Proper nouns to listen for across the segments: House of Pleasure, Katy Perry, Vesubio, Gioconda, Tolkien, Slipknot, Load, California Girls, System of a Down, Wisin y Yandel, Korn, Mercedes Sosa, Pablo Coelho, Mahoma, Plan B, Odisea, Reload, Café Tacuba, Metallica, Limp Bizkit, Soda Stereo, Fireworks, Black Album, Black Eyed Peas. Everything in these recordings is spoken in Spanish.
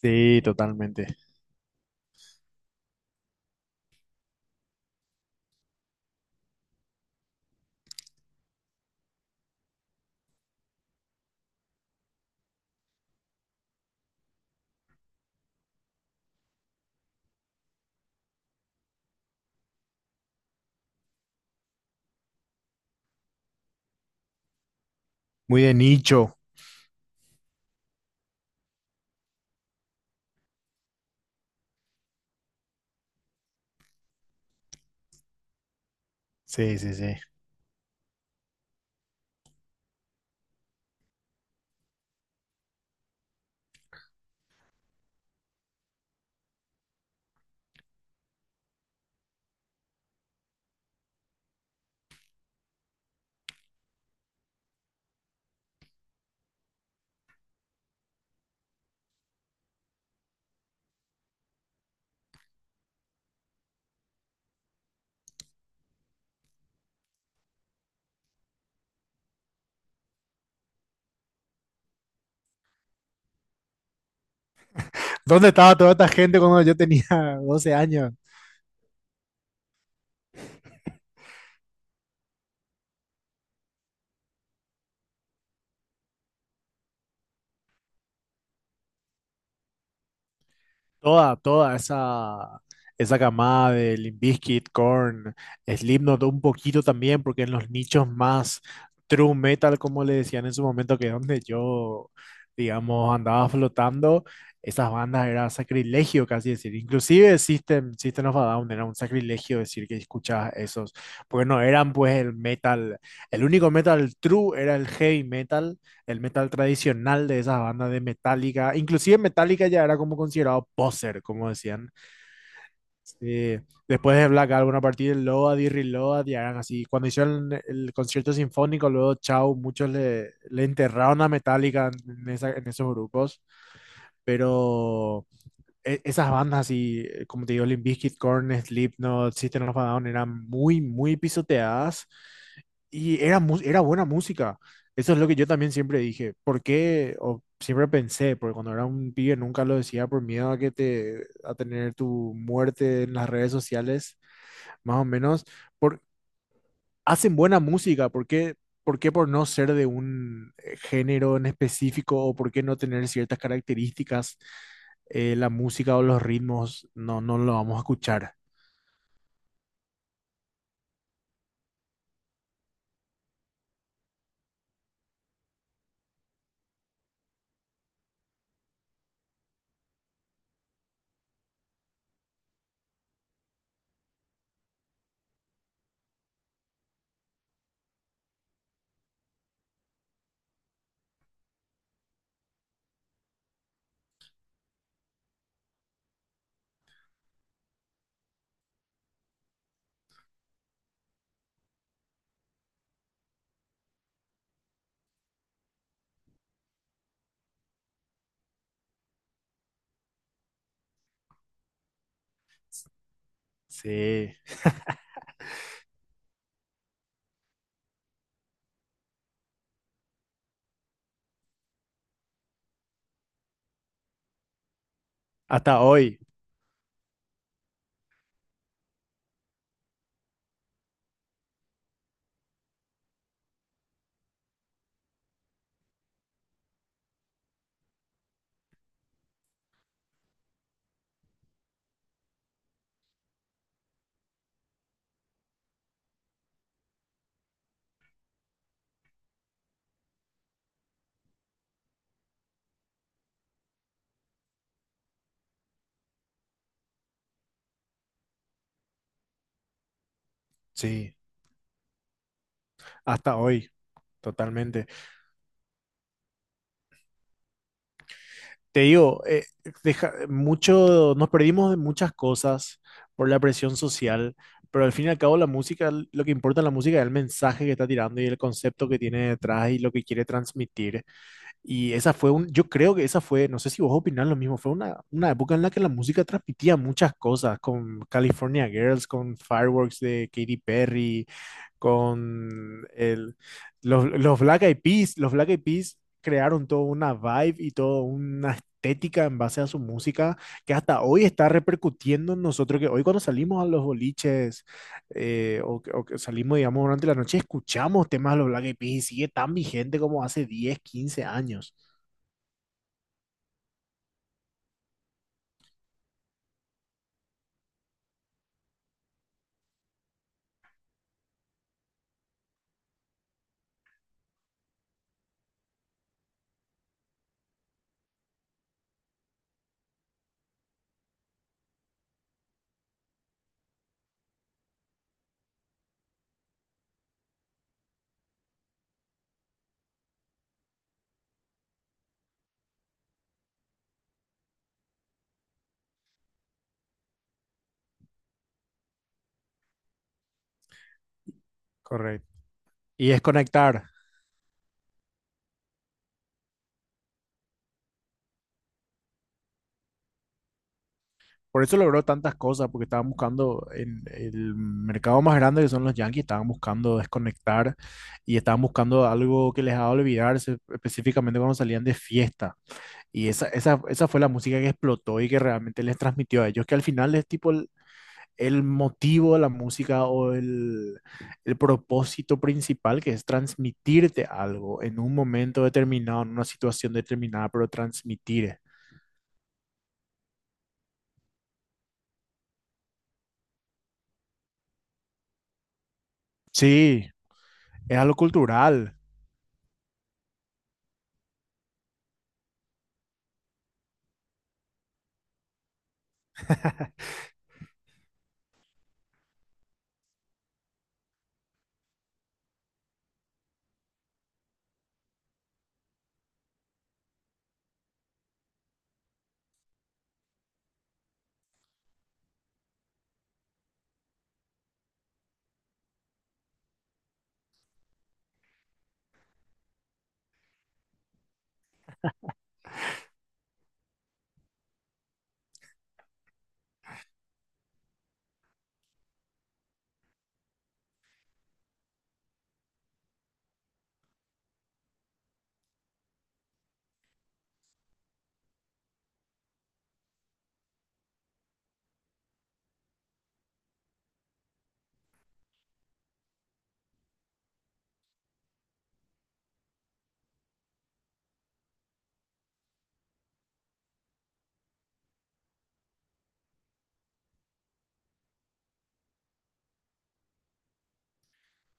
Sí, totalmente. Muy de nicho. Sí. ¿Dónde estaba toda esta gente cuando yo tenía 12 años? Toda esa camada de Limp Bizkit, Korn, Slipknot, un poquito también, porque en los nichos más true metal, como le decían en su momento, que es donde yo, digamos, andaba flotando, esas bandas era sacrilegio casi decir. Inclusive System of a Down era un sacrilegio decir que escuchabas esos, porque no eran pues el metal, el único metal true era el heavy metal, el metal tradicional de esas bandas de Metallica. Inclusive Metallica ya era como considerado poser, como decían. Eh, después de Black Album, a partir de Load y Reload, ya eran así. Cuando hicieron el concierto sinfónico, luego Chau, muchos le enterraron a Metallica en, en esos grupos. Pero esas bandas así, como te digo, Limp Bizkit, Korn, Slipknot, System of a Down, eran muy pisoteadas y era, era buena música. Eso es lo que yo también siempre dije. ¿Por qué? O siempre pensé, porque cuando era un pibe nunca lo decía por miedo a que te, a tener tu muerte en las redes sociales, más o menos hacen buena música, ¿por qué, por qué por no ser de un género en específico o por qué no tener ciertas características, la música o los ritmos no lo vamos a escuchar? Sí, hasta hoy, sí, hasta hoy, totalmente. Te digo, mucho, nos perdimos de muchas cosas por la presión social, pero al fin y al cabo la música, lo que importa en la música es el mensaje que está tirando y el concepto que tiene detrás y lo que quiere transmitir. Y esa fue un, yo creo que esa fue, no sé si vos opinás lo mismo, fue una época en la que la música transmitía muchas cosas, con California Girls, con Fireworks de Katy Perry, con el, los Black Eyed Peas, los Black Eyed Peas crearon toda una vibe y toda una estética en base a su música que hasta hoy está repercutiendo en nosotros, que hoy cuando salimos a los boliches o, o que salimos, digamos, durante la noche, escuchamos temas de los Black Eyed Peas y sigue tan vigente como hace 10 o 15 años. Correcto. Y es conectar. Por eso logró tantas cosas, porque estaban buscando en el mercado más grande que son los Yankees, estaban buscando desconectar y estaban buscando algo que les haga olvidarse, específicamente cuando salían de fiesta. Y esa fue la música que explotó y que realmente les transmitió a ellos, que al final es tipo el motivo de la música o el propósito principal, que es transmitirte algo en un momento determinado, en una situación determinada, pero transmitir. Sí, es algo cultural,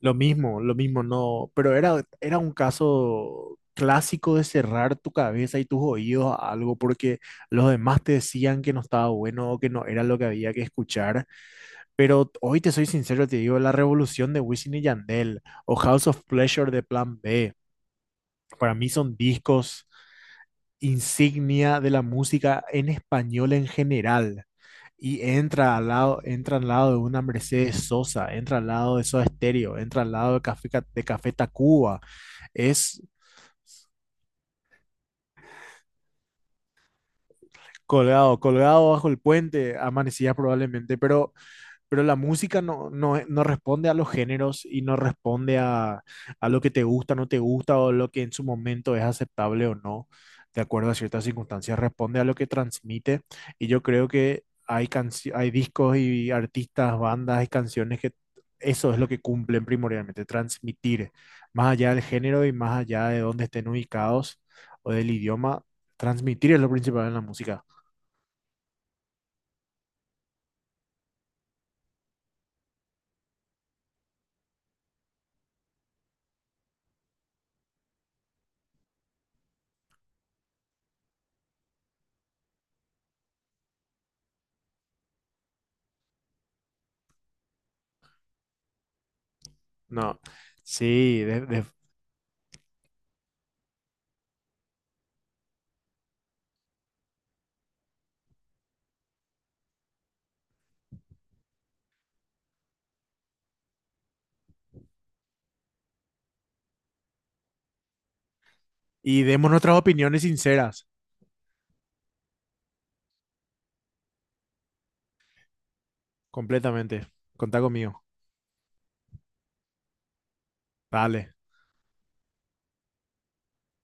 lo mismo, no, pero era, era un caso clásico de cerrar tu cabeza y tus oídos a algo porque los demás te decían que no estaba bueno o que no era lo que había que escuchar, pero hoy te soy sincero, te digo, la revolución de Wisin y Yandel o House of Pleasure de Plan B, para mí son discos insignia de la música en español en general. Y entra al lado de una Mercedes Sosa, entra al lado de Soda Stereo, entra al lado de de Café Tacuba. Es colgado, colgado bajo el puente, amanecía probablemente, pero la música no responde a los géneros y no responde a lo que te gusta, no te gusta o lo que en su momento es aceptable o no, de acuerdo a ciertas circunstancias, responde a lo que transmite y yo creo que hay, hay discos y artistas, bandas y canciones que eso es lo que cumplen primordialmente, transmitir más allá del género y más allá de dónde estén ubicados o del idioma, transmitir es lo principal en la música. No, sí, y demos nuestras opiniones sinceras. Completamente. Contá conmigo. Dale.